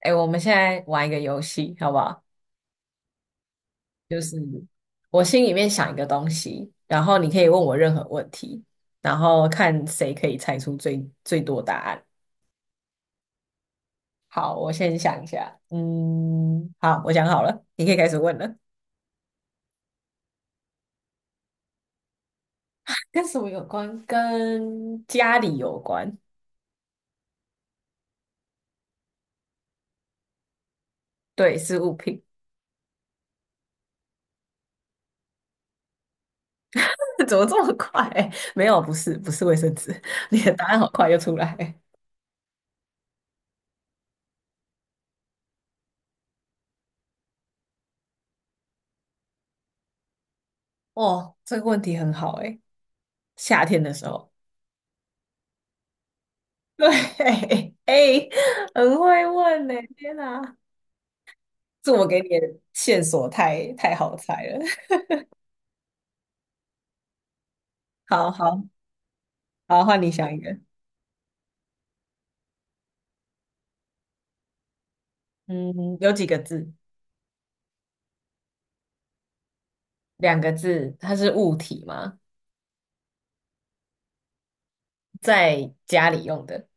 哎，我们现在玩一个游戏，好不好？就是我心里面想一个东西，然后你可以问我任何问题，然后看谁可以猜出最多答案。好，我先想一下。嗯，好，我想好了，你可以开始问了。跟什么有关？跟家里有关。对，是物品。怎么这么快？没有，不是，不是卫生纸。你的答案好快就出来。哦，这个问题很好诶，夏天的时候。对，哎、很会问呢、天哪，这我给你的线索太好猜了。好好好，换你想一个。嗯，有几个字？两个字，它是物体吗？在家里用的，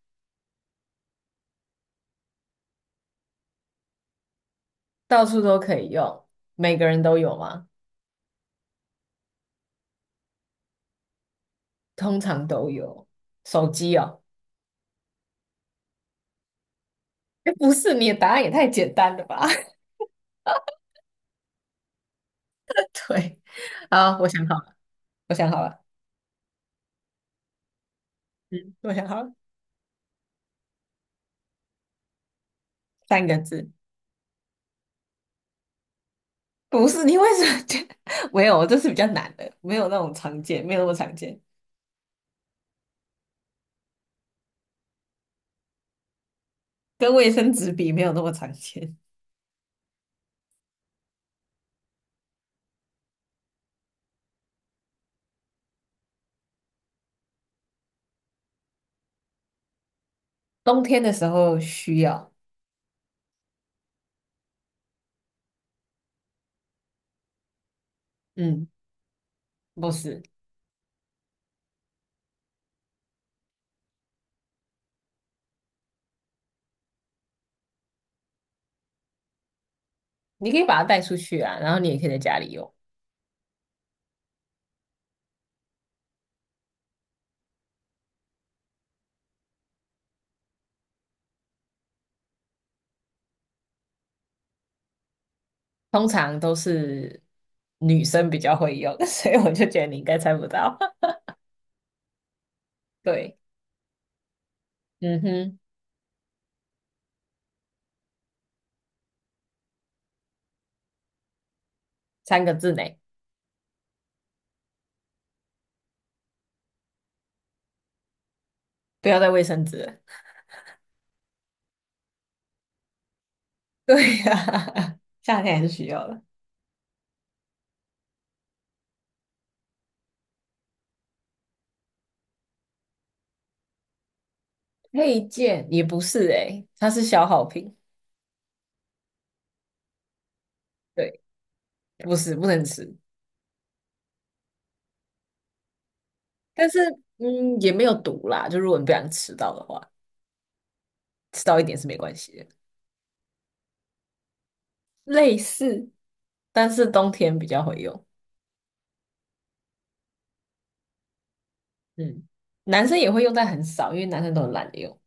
到处都可以用，每个人都有吗？通常都有。手机哦，哎，不是，你的答案也太简单了吧？对，好，我想好了，我想好了，嗯，我想好了，三个字。不是，你为什么觉得 没有？这是比较难的，没有那种常见，没有那么常见，跟卫生纸比没有那么常见。冬天的时候需要，嗯，不是，你可以把它带出去啊，然后你也可以在家里用。通常都是女生比较会用，所以我就觉得你应该猜不到。对，嗯哼，三个字内，不要带卫生纸了 对呀、夏天还是需要的。配件也不是诶、欸它是消耗品。对，不是，不能吃。但是嗯，也没有毒啦，就如果你不想吃到的话，吃到一点是没关系的。类似，但是冬天比较会用，嗯，男生也会用，在很少，因为男生都很懒得用，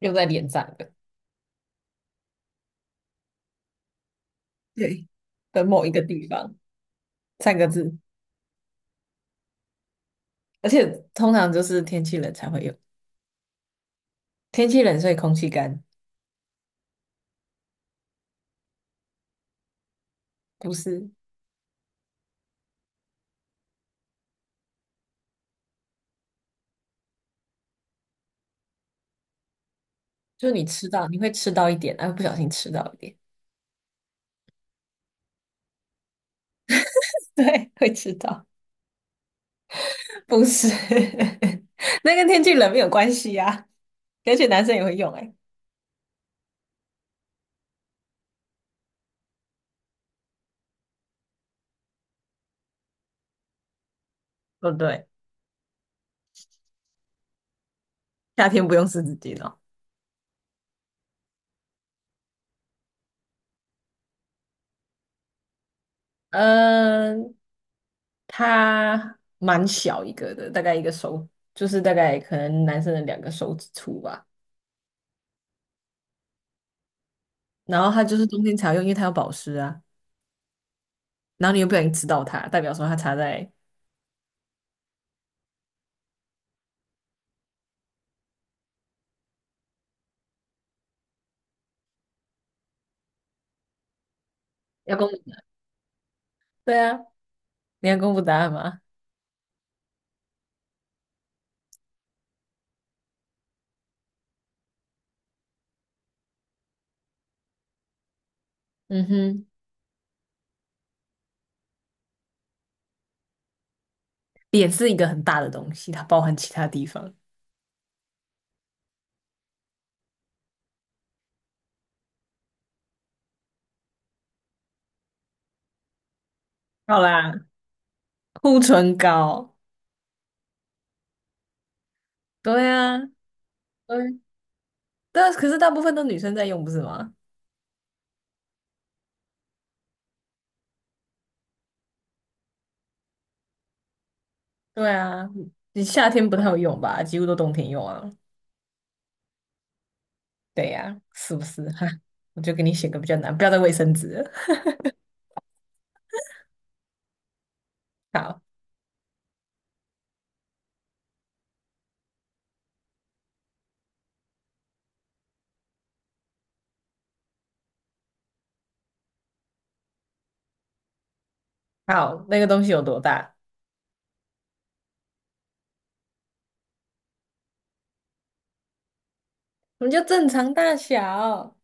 用在脸上的对，的某一个地方，三个字，而且通常就是天气冷才会用，天气冷所以空气干，不是，就是你会吃到一点，然后不小心吃到一点，对，会吃到，不是，那跟天气冷没有关系啊，而且男生也会用、欸，不对，夏天不用湿纸巾哦。嗯，它蛮小一个的，大概一个手，就是大概可能男生的两个手指粗吧。然后它就是冬天才要用，因为它有保湿啊。然后你又不小心吃到它，代表说它擦在要公布，对啊，你要公布答案吗？嗯哼，脸是一个很大的东西，它包含其他地方。好啦，护唇膏，对啊，对，但可是大部分都女生在用，不是吗？对啊，你夏天不太有用吧？几乎都冬天用啊。对呀、是不是？哈，我就给你选个比较难，不要再卫生纸了 好，好，那个东西有多大？我们就正常大小。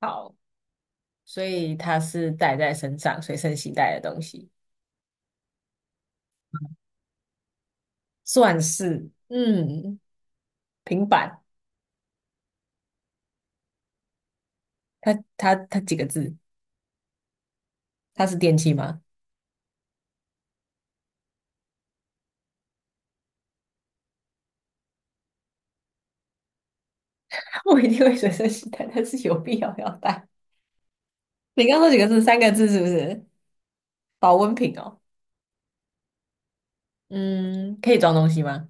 好，所以它是带在身上，随身携带的东西，算是嗯，平板。它几个字？它是电器吗？我一定会随身携带，但是有必要要带。你刚说几个字？三个字是不是？保温瓶哦。嗯，可以装东西吗？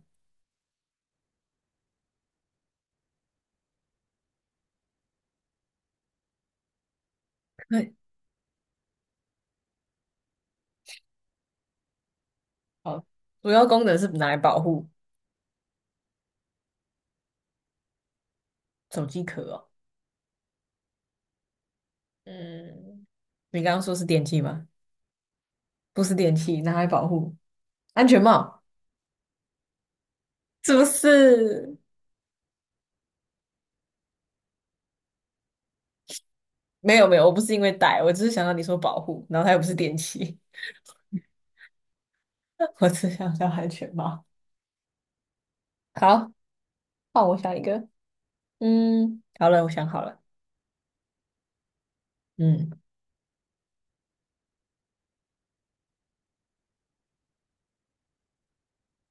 好，主要功能是拿来保护手机壳哦。嗯，你刚刚说是电器吗？不是电器，拿来保护安全帽，是不是？没有没有，我不是因为戴，我只是想到你说保护，然后它又不是电器，我只想到安全帽。好，换我想一个。嗯，好了，我想好了。嗯，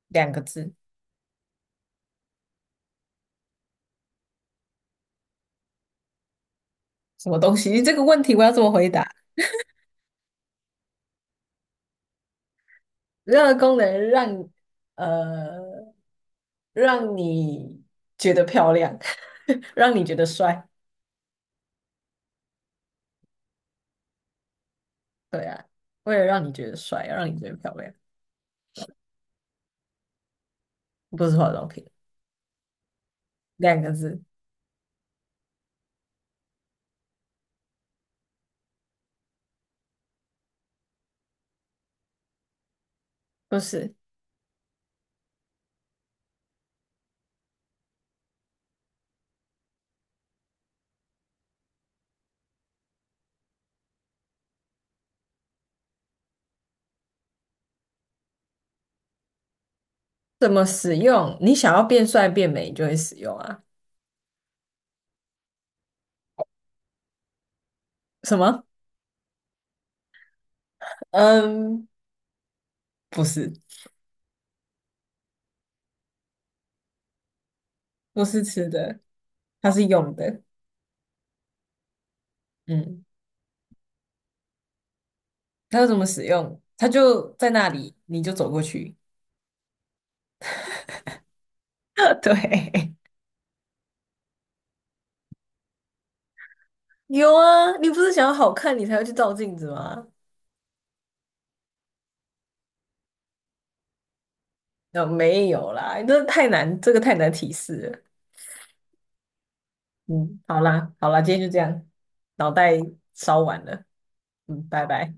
两个字，什么东西？这个问题我要怎么回答？任何功能让呃让你觉得漂亮，让你觉得帅。对啊，为了让你觉得帅，要让你觉得漂亮，不是化妆品，两个字，不是。怎么使用？你想要变帅变美，你就会使用啊。什么？嗯，不是，不是吃的，它是用的。嗯，它要怎么使用？它就在那里，你就走过去。对，有啊，你不是想要好看，你才会去照镜子吗？那、没有啦，你这太难，这个太难提示了。嗯，好啦，好啦，今天就这样，脑袋烧完了。嗯，拜拜。